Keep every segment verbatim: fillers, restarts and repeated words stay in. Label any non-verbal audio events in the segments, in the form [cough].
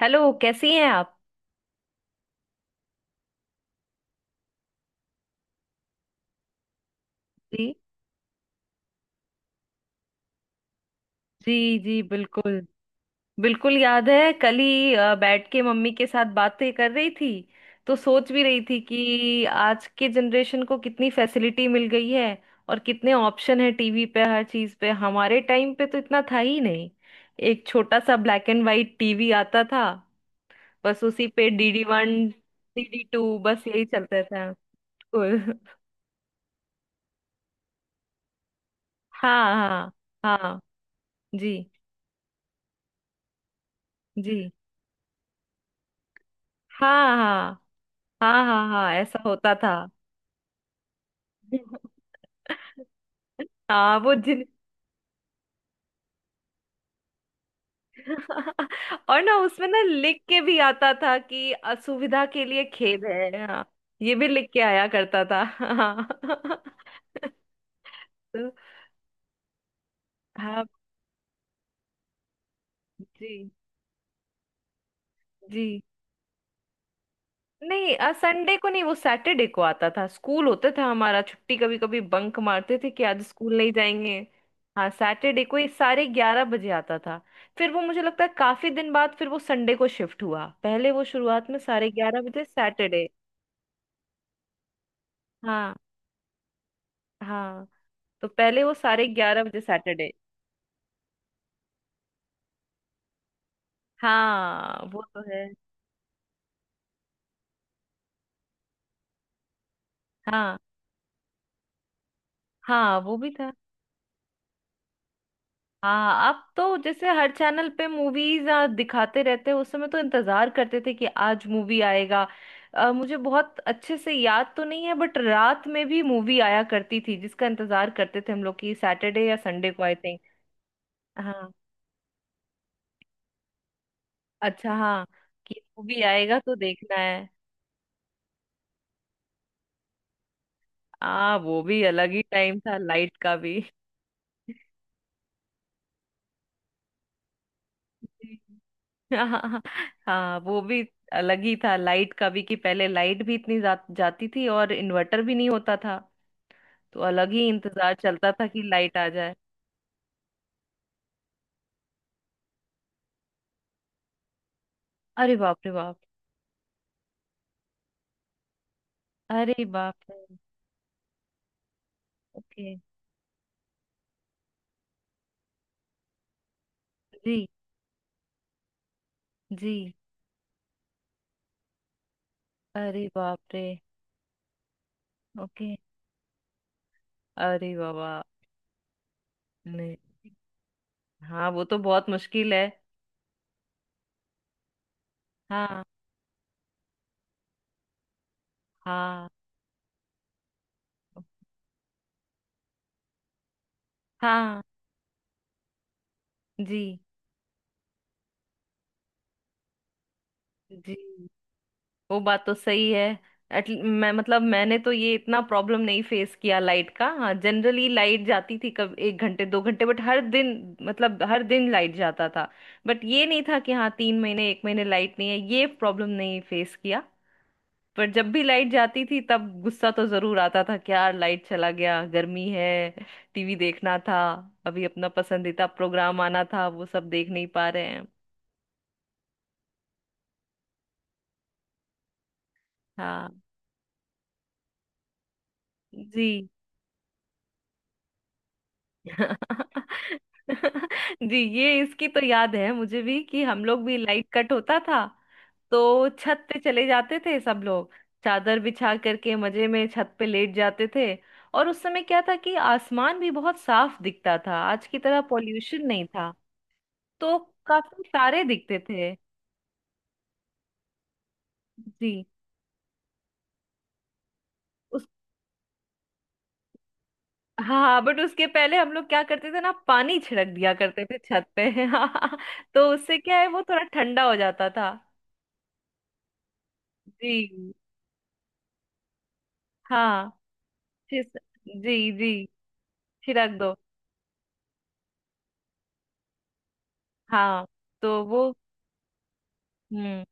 Hello, कैसी हैं आप। जी। जी जी, बिल्कुल। बिल्कुल याद है, कल ही अ, बैठ के मम्मी के साथ बातें कर रही थी। तो सोच भी रही थी कि आज के जनरेशन को कितनी फैसिलिटी मिल गई है और कितने ऑप्शन है टीवी पे, हर चीज पे। हमारे टाइम पे तो इतना था ही नहीं। एक छोटा सा ब्लैक एंड वाइट टीवी आता था। बस उसी पे D D one D D to, बस यही चलता था। बिल्कुल। [laughs] हाँ हाँ। हाँ। जी जी। हाँ हाँ। हाँ हाँ हाँ, ऐसा होता था। [laughs] हाँ वो जिन। [laughs] और ना उसमें ना लिख के भी आता था कि असुविधा के लिए खेद है, हाँ। ये भी लिख के आया करता था। [laughs] हाँ। [laughs] तो, हाँ। जी जी। नहीं, संडे को नहीं, वो सैटरडे को आता था। स्कूल होता था हमारा, छुट्टी कभी कभी बंक मारते थे कि आज स्कूल नहीं जाएंगे। हाँ, सैटरडे को ये साढ़े ग्यारह बजे आता था। फिर वो मुझे लगता है काफी दिन बाद फिर वो संडे को शिफ्ट हुआ। पहले वो शुरुआत में साढ़े ग्यारह बजे सैटरडे। हाँ। हाँ, तो पहले वो साढ़े ग्यारह बजे सैटरडे। हाँ वो तो है। हाँ। हाँ वो भी था। हाँ, अब तो जैसे हर चैनल पे मूवीज दिखाते रहते हैं, उस समय तो इंतजार करते थे कि आज मूवी आएगा। अ, मुझे बहुत अच्छे से याद तो नहीं है बट रात में भी मूवी आया करती थी जिसका इंतजार करते थे हम लोग कि सैटरडे या संडे को, आई थिंक। हाँ। अच्छा, हाँ, कि मूवी आएगा तो देखना है। हाँ, वो भी अलग ही टाइम था लाइट का भी। [laughs] जी। हाँ। हाँ वो भी अलग ही था लाइट का भी, कि पहले लाइट भी इतनी जा, जाती थी और इन्वर्टर भी नहीं होता था। तो अलग ही इंतजार चलता था कि लाइट आ जाए। अरे बाप रे बाप। अरे बाप रे। ओके। जी। जी। अरे बाप रे। ओके। अरे बाबा। नहीं, हाँ वो तो बहुत मुश्किल है। हाँ हाँ हाँ। जी जी। वो बात तो सही है। एट, मैं मतलब मैंने तो ये इतना प्रॉब्लम नहीं फेस किया लाइट का। हाँ जनरली लाइट जाती थी कब, एक घंटे दो घंटे, बट हर दिन, मतलब हर दिन लाइट जाता था। बट ये नहीं था कि हाँ तीन महीने एक महीने लाइट नहीं है, ये प्रॉब्लम नहीं फेस किया। पर जब भी लाइट जाती थी तब गुस्सा तो जरूर आता था कि यार लाइट चला गया, गर्मी है, टीवी देखना था, अभी अपना पसंदीदा प्रोग्राम आना था, वो सब देख नहीं पा रहे हैं। हाँ। जी। [laughs] जी ये इसकी तो याद है मुझे भी कि हम लोग भी, लाइट कट होता था तो छत पे चले जाते थे सब लोग। चादर बिछा करके मजे में छत पे लेट जाते थे। और उस समय क्या था कि आसमान भी बहुत साफ दिखता था, आज की तरह पॉल्यूशन नहीं था। तो काफी तारे दिखते थे। जी। उस, हाँ हाँ, बट उसके पहले हम लोग क्या करते थे ना पानी छिड़क दिया करते थे छत पे। [laughs] हाँ, तो उससे क्या है वो थोड़ा ठंडा हो जाता था। जी। हाँ फिर। जी जी। छिड़क दो। हाँ। तो वो। हम्म।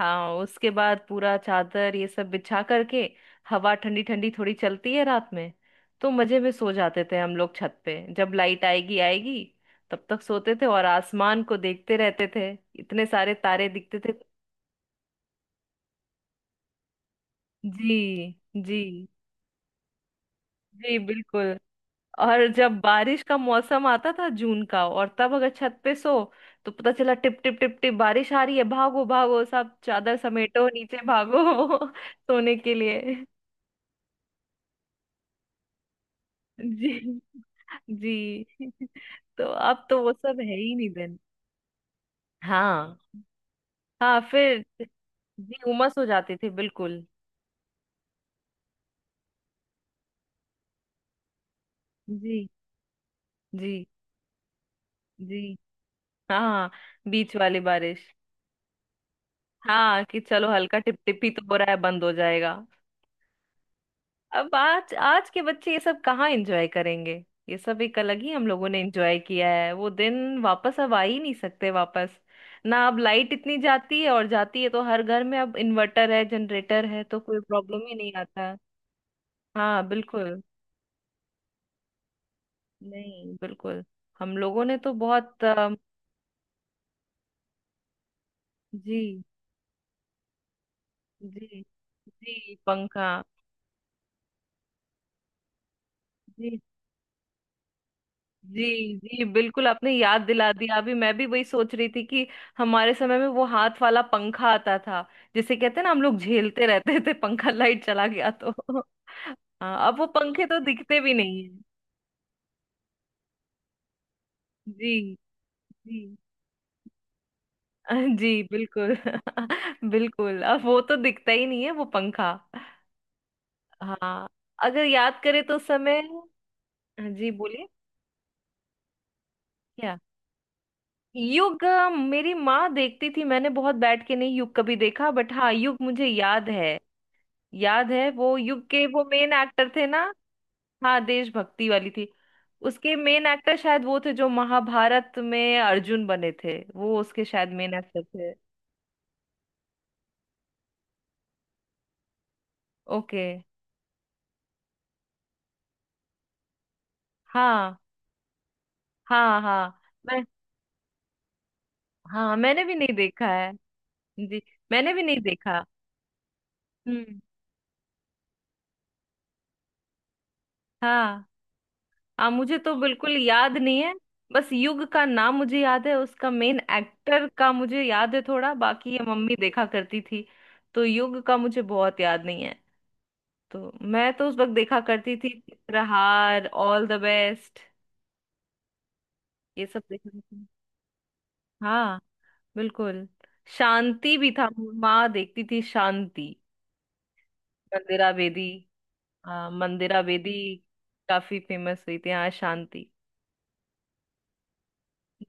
हाँ उसके बाद पूरा चादर ये सब बिछा करके, हवा ठंडी ठंडी थोड़ी चलती है रात में, तो मजे में सो जाते थे हम लोग छत पे, जब लाइट आएगी आएगी तब तक सोते थे और आसमान को देखते रहते थे। इतने सारे तारे दिखते थे। जी जी। जी बिल्कुल। और जब बारिश का मौसम आता था जून का और तब अगर छत पे सो तो पता चला टिप टिप टिप टिप बारिश आ रही है, भागो भागो, सब चादर समेटो, नीचे भागो, [laughs] सोने के लिए। जी जी। तो अब तो वो सब है ही नहीं दिन। हाँ। हाँ फिर। जी उमस हो जाती थी बिल्कुल। जी जी जी। हाँ। बीच वाली बारिश। हाँ, कि चलो हल्का टिप टिप ही तो हो रहा है बंद हो जाएगा। अब आज, आज के बच्चे ये सब कहाँ एंजॉय करेंगे। ये सब एक अलग ही हम लोगों ने एंजॉय किया है, वो दिन वापस अब आ ही नहीं सकते वापस। ना अब लाइट इतनी जाती है, और जाती है तो हर घर में अब इन्वर्टर है जनरेटर है, तो कोई प्रॉब्लम ही नहीं आता। हाँ बिल्कुल। नहीं बिल्कुल। हम लोगों ने तो बहुत अम, जी जी। जी पंखा। जी जी। जी बिल्कुल, आपने याद दिला दिया, अभी मैं भी वही सोच रही थी कि हमारे समय में वो हाथ वाला पंखा आता था। जिसे कहते हैं ना हम लोग झेलते रहते थे, पंखा, लाइट चला गया तो। [laughs] हाँ अब वो पंखे तो दिखते भी नहीं है। जी जी। अ, जी बिल्कुल। [laughs] बिल्कुल अब वो तो दिखता ही नहीं है वो पंखा। हाँ, अगर याद करें तो उस समय। जी बोलिए। क्या। युग, अ, मेरी माँ देखती थी, मैंने बहुत बैठ के नहीं युग कभी देखा, बट हाँ युग मुझे याद है। याद है, वो युग के वो मेन एक्टर थे ना। हाँ देशभक्ति वाली थी। उसके मेन एक्टर शायद वो थे जो महाभारत में अर्जुन बने थे, वो उसके शायद मेन एक्टर थे। ओके। हाँ हाँ। हाँ मैं। हाँ मैंने भी नहीं देखा है। जी, मैंने भी नहीं देखा। हम्म। हाँ। हाँ मुझे तो बिल्कुल याद नहीं है। बस युग का नाम मुझे याद है, उसका मेन एक्टर का मुझे याद है थोड़ा, बाकी ये मम्मी देखा करती थी। तो युग का मुझे बहुत याद नहीं है। तो मैं तो उस वक्त देखा करती थी प्रहार, ऑल द बेस्ट, ये सब देखा करती थी। हाँ बिल्कुल। शांति भी था, माँ देखती थी शांति। मंदिरा बेदी, आ, मंदिरा बेदी। काफी फेमस हुई थी हाँ शांति।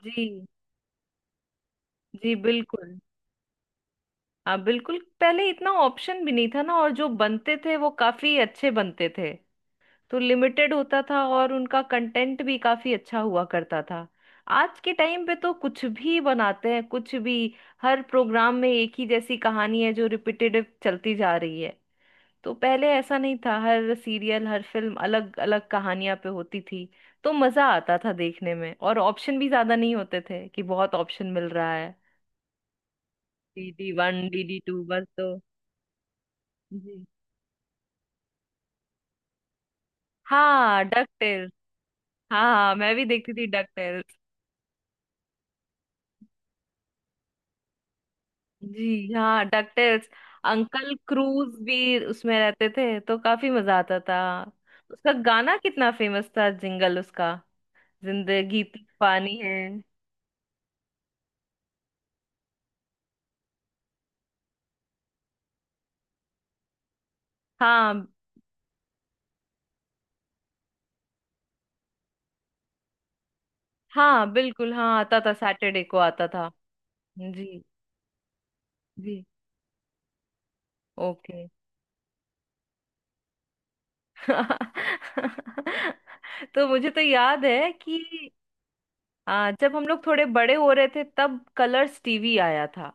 जी। जी बिल्कुल। हाँ बिल्कुल, पहले इतना ऑप्शन भी नहीं था ना, और जो बनते थे वो काफी अच्छे बनते थे। तो लिमिटेड होता था और उनका कंटेंट भी काफी अच्छा हुआ करता था। आज के टाइम पे तो कुछ भी बनाते हैं, कुछ भी। हर प्रोग्राम में एक ही जैसी कहानी है जो रिपीटेटिव चलती जा रही है। तो पहले ऐसा नहीं था, हर सीरियल हर फिल्म अलग अलग कहानियां पे होती थी। तो मजा आता था देखने में, और ऑप्शन भी ज्यादा नहीं होते थे कि बहुत ऑप्शन मिल रहा है। D D one D D to बस, तो। जी। हाँ, डक टेल। हाँ मैं भी देखती थी डक। जी हाँ, डकटेल्स। अंकल क्रूज भी उसमें रहते थे तो काफी मजा आता था। उसका गाना कितना फेमस था, जिंगल उसका, जिंदगी तो पानी है। हाँ। हाँ बिल्कुल, हाँ आता था सैटरडे को आता था। जी। जी। ओके। [laughs] तो मुझे तो याद है कि आ, जब हम लोग थोड़े बड़े हो रहे थे तब कलर्स टीवी आया था।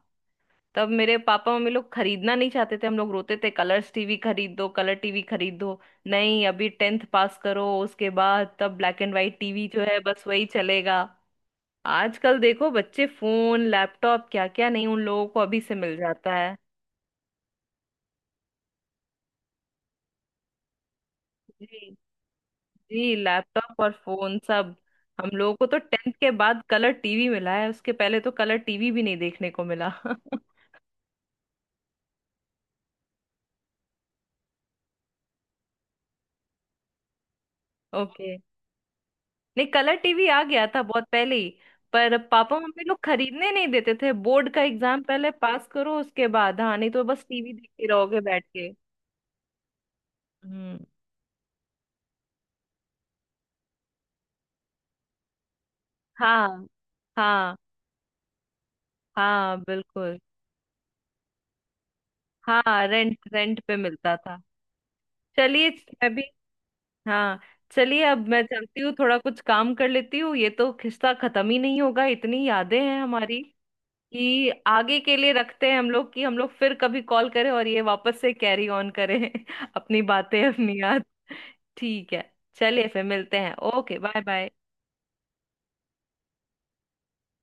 तब मेरे पापा मम्मी लोग खरीदना नहीं चाहते थे, हम लोग रोते थे कलर्स टीवी खरीद दो, कलर टीवी खरीद दो। नहीं, अभी टेंथ पास करो उसके बाद, तब ब्लैक एंड वाइट टीवी जो है बस वही चलेगा। आजकल देखो बच्चे फोन, लैपटॉप, क्या क्या नहीं उन लोगों को अभी से मिल जाता है। जी। जी, लैपटॉप और फोन सब। हम लोगों को तो टेंथ के बाद कलर टीवी मिला है, उसके पहले तो कलर टीवी भी नहीं देखने को मिला। [laughs] ओके। नहीं, कलर टीवी आ गया था बहुत पहले ही, पर पापा मम्मी लोग खरीदने नहीं देते थे, बोर्ड का एग्जाम पहले पास करो उसके बाद, हाँ नहीं तो बस टीवी देखते रहोगे बैठ के। हम्म। हाँ हाँ। हाँ बिल्कुल। हाँ, रेंट, रेंट पे मिलता था। चलिए, मैं भी। हाँ। चलिए, अब मैं चलती हूँ, थोड़ा कुछ काम कर लेती हूँ, ये तो किस्सा खत्म ही नहीं होगा, इतनी यादें हैं हमारी। कि आगे के लिए रखते हैं हम लोग, कि हम लोग फिर कभी कॉल करें और ये वापस से कैरी ऑन करें [laughs] अपनी बातें, अपनी याद। ठीक है, चलिए फिर मिलते हैं, ओके बाय बाय।